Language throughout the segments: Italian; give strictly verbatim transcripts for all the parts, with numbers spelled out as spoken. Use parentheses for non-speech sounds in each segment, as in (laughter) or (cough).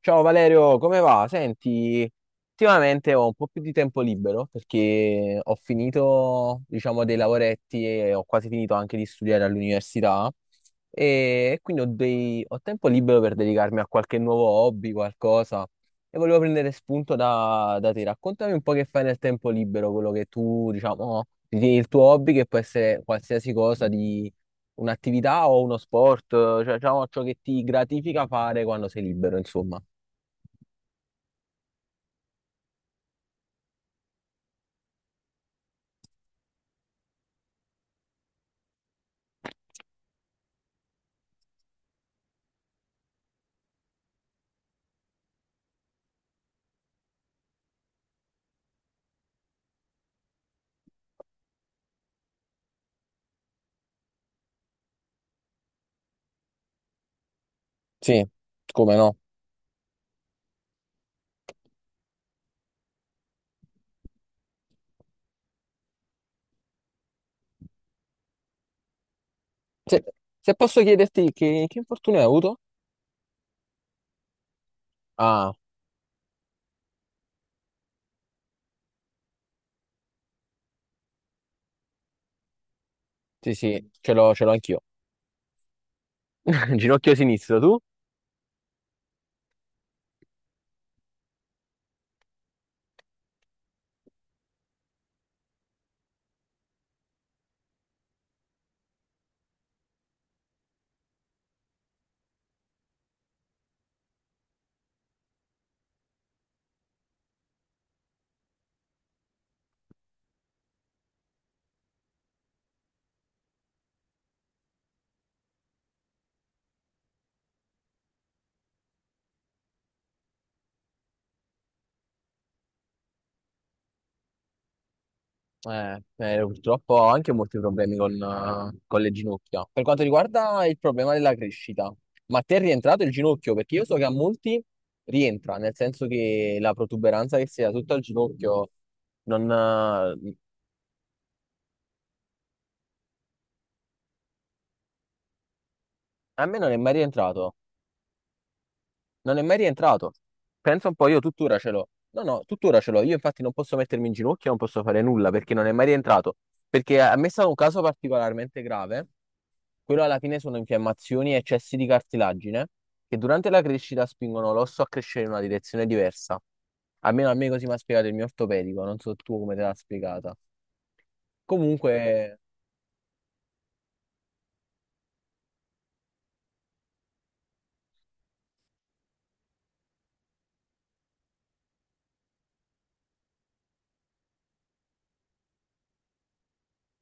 Ciao Valerio, come va? Senti, ultimamente ho un po' più di tempo libero perché ho finito, diciamo, dei lavoretti e ho quasi finito anche di studiare all'università e quindi ho, dei- ho tempo libero per dedicarmi a qualche nuovo hobby, qualcosa. E volevo prendere spunto da, da te. Raccontami un po' che fai nel tempo libero, quello che tu, diciamo, ritieni il tuo hobby, che può essere qualsiasi cosa di un'attività o uno sport, cioè diciamo, ciò che ti gratifica fare quando sei libero, insomma. Sì, come no? Se, se posso chiederti che, che infortunio hai avuto? Ah, sì, sì, ce l'ho ce l'ho anch'io. (laughs) Ginocchio sinistro, tu? Eh, eh, purtroppo ho anche molti problemi con, eh, con le ginocchia. Per quanto riguarda il problema della crescita, ma a te è rientrato il ginocchio? Perché io so che a molti rientra, nel senso che la protuberanza che si ha tutto al ginocchio non, eh, a me non è mai rientrato. Non è mai rientrato. Pensa un po', io tuttora ce l'ho. No, no, tuttora ce l'ho. Io infatti non posso mettermi in ginocchio, non posso fare nulla perché non è mai rientrato. Perché a me è stato un caso particolarmente grave. Quello alla fine sono infiammazioni e eccessi di cartilagine che durante la crescita spingono l'osso a crescere in una direzione diversa. Almeno a me così mi ha spiegato il mio ortopedico, non so tu come te l'ha spiegata. Comunque.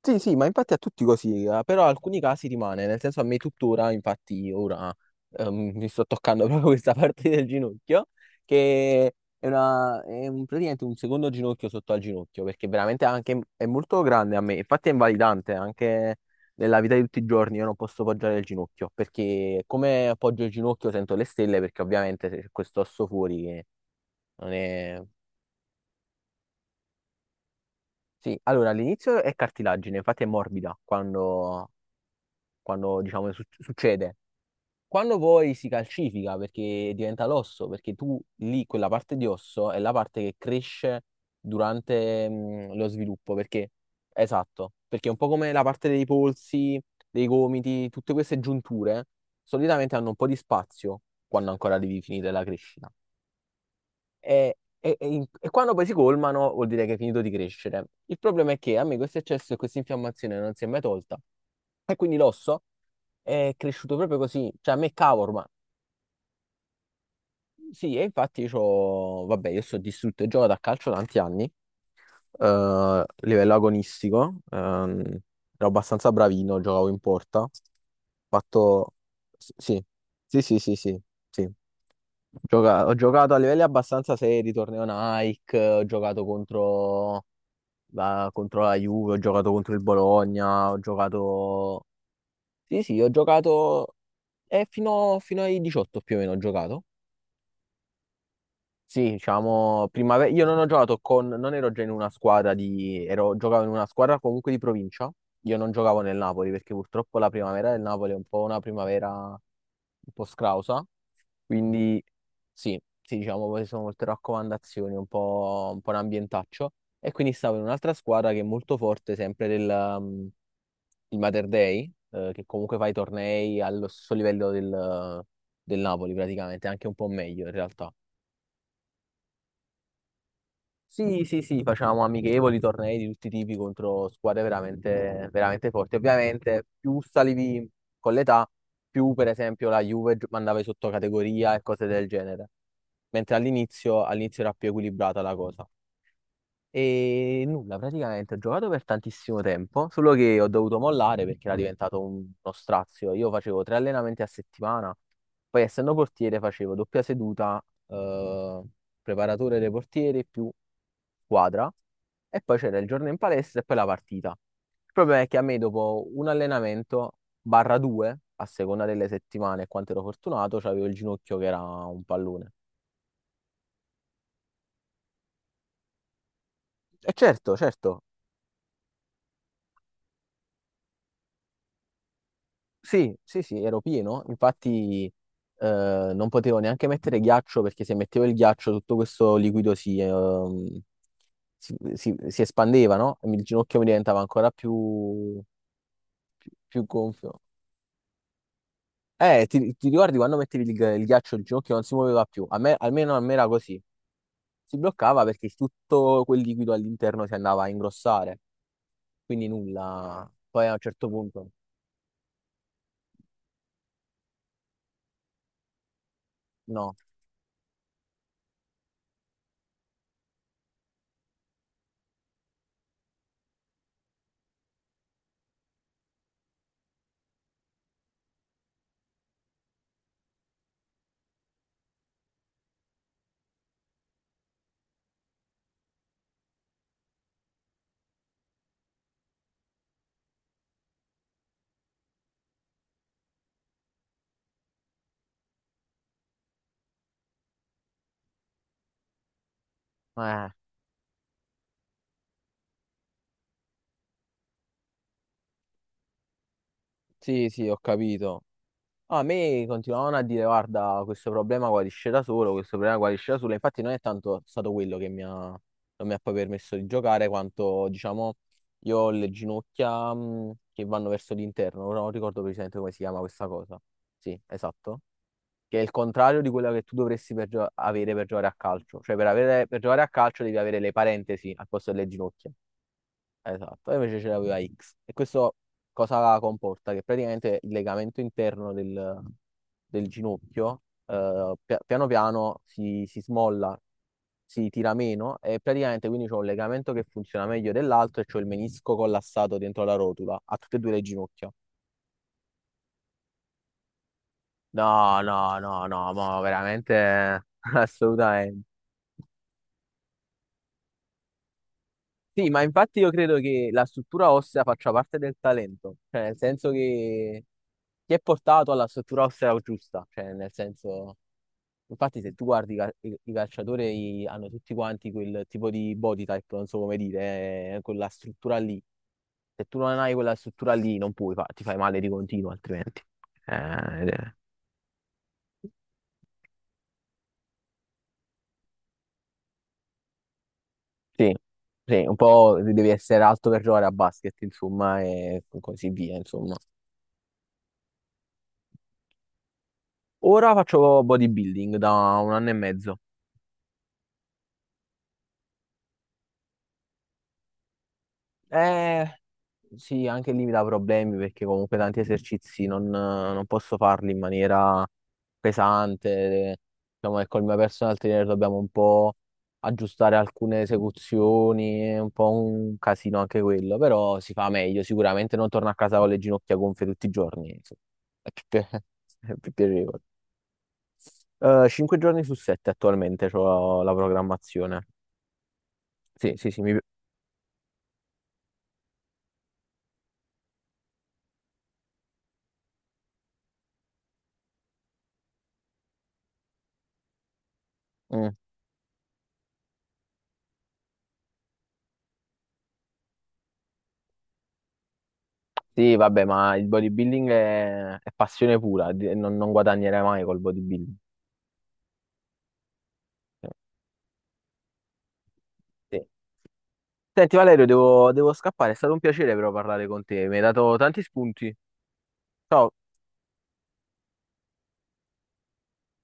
Sì, sì, ma infatti a tutti così, eh, però alcuni casi rimane, nel senso a me tuttora, infatti ora ehm, mi sto toccando (laughs) proprio questa parte del ginocchio, che è, una, è un- praticamente un secondo ginocchio sotto al ginocchio, perché veramente anche, è molto grande a me, infatti è invalidante anche nella vita di tutti i giorni, io non posso poggiare il ginocchio, perché come appoggio il ginocchio sento le stelle, perché ovviamente c'è questo osso fuori che non è. Sì, allora all'inizio è cartilagine, infatti è morbida quando quando diciamo su- succede. Quando poi si calcifica perché diventa l'osso, perché tu lì quella parte di osso è la parte che cresce durante mm, lo sviluppo, perché esatto, perché è un po' come la parte dei polsi, dei gomiti, tutte queste giunture solitamente hanno un po' di spazio quando ancora devi finire la crescita. E, e- e in- e quando poi si colmano vuol dire che è finito di crescere. Il problema è che a me questo eccesso e questa infiammazione non si è mai tolta e quindi l'osso è cresciuto proprio così, cioè a me cavolo, ma sì, e infatti c'ho, vabbè, io sto distrutto e gioco da calcio tanti anni, eh, a livello agonistico, ehm, ero abbastanza bravino, giocavo in porta, ho fatto, s- sì, sì, sì, sì, sì, sì. Gioca- ho giocato a livelli abbastanza seri, torneo Nike, ho giocato contro la, contro la Juve, ho giocato contro il Bologna, ho giocato. Sì, sì, ho giocato eh, fino, fino ai diciotto più o meno ho giocato. Sì, diciamo, primavera. Io non ho giocato con. Non ero già in una squadra di. Ero, giocavo in una squadra comunque di provincia. Io non giocavo nel Napoli perché purtroppo la primavera del Napoli è un po' una primavera un po' scrausa. Quindi sì, sì, diciamo, poi sono molte raccomandazioni, un po', un po' un ambientaccio. E quindi stavo in un'altra squadra che è molto forte, sempre del um, il Mater Dei, eh, che comunque fa i tornei allo stesso livello del, del Napoli praticamente, anche un po' meglio in realtà. Sì, sì, sì, facciamo amichevoli, tornei di tutti i tipi contro squadre veramente, veramente forti. Ovviamente più salivi con l'età, più per esempio la Juve gio- mandava in sottocategoria e cose del genere. Mentre all'inizio all'inizio era più equilibrata la cosa. E nulla, praticamente ho giocato per tantissimo tempo, solo che ho dovuto mollare perché era diventato un- uno strazio. Io facevo tre allenamenti a settimana, poi essendo portiere facevo doppia seduta, eh, preparatore dei portieri più squadra, e poi c'era il giorno in palestra e poi la partita. Il problema è che a me dopo un allenamento, barra due, a seconda delle settimane e quanto ero fortunato, c'avevo il ginocchio che era un pallone. E certo, certo. Sì, sì, sì, ero pieno, infatti eh, non potevo neanche mettere ghiaccio perché se mettevo il ghiaccio tutto questo liquido si, ehm, si, si- si espandeva, no? E il ginocchio mi diventava ancora più, più, più gonfio. Eh, ti, ti ricordi quando mettevi il, ghi- il ghiaccio il ginocchio non si muoveva più? A me, almeno a me era così. Si bloccava perché tutto quel liquido all'interno si andava a ingrossare, quindi nulla. Poi a un certo punto, no. Eh, sì, sì, ho capito. A me continuavano a dire, guarda, questo problema guarisce da solo, questo problema guarisce da solo. Infatti non è tanto stato quello che mi ha, non mi ha poi permesso di giocare, quanto, diciamo, io ho le ginocchia mh, che vanno verso l'interno. Ora non ricordo precisamente come si chiama questa cosa. Sì, esatto. Che è il contrario di quella che tu dovresti per gio- avere per giocare a calcio. Cioè, per avere- per giocare a calcio devi avere le parentesi al posto delle ginocchia. Esatto, e invece ce l'aveva X. E questo cosa comporta? Che praticamente il legamento interno del, del ginocchio eh, pia- piano piano si, si smolla, si tira meno e praticamente quindi c'ho un legamento che funziona meglio dell'altro e c'ho il menisco collassato dentro la rotula, a tutte e due le ginocchia. No, no, no, no, ma veramente (laughs) assolutamente. Sì, ma infatti io credo che la struttura ossea faccia parte del talento, cioè nel senso che ti è portato alla struttura ossea giusta, cioè nel senso, infatti se tu guardi i, cal- i- i calciatori hanno tutti quanti quel tipo di body type, non so come dire, eh, quella struttura lì. Se tu non hai quella struttura lì non puoi, fa- ti fai male di continuo altrimenti. Eh, ed è- sì, sì, un po' devi essere alto per giocare a basket, insomma, e così via, insomma. Ora faccio bodybuilding da un anno e mezzo. Eh, sì, anche lì mi dà problemi perché comunque tanti esercizi non, non posso farli in maniera pesante. Diciamo che col mio personal trainer dobbiamo un po' aggiustare alcune esecuzioni, è un po' un casino anche quello, però si fa meglio. Sicuramente non torno a casa con le ginocchia gonfie tutti i giorni, insomma. È più, pi- (laughs) è più piacevole. Eh, Cinque giorni su sette attualmente ho la programmazione. Sì, sì, sì, mi... pi- mm. Sì, vabbè, ma il bodybuilding è, è passione pura, di- non, non guadagnerai mai col bodybuilding. Cioè, sì. Senti Valerio, devo, devo scappare, è stato un piacere però parlare con te, mi hai dato tanti spunti. Ciao.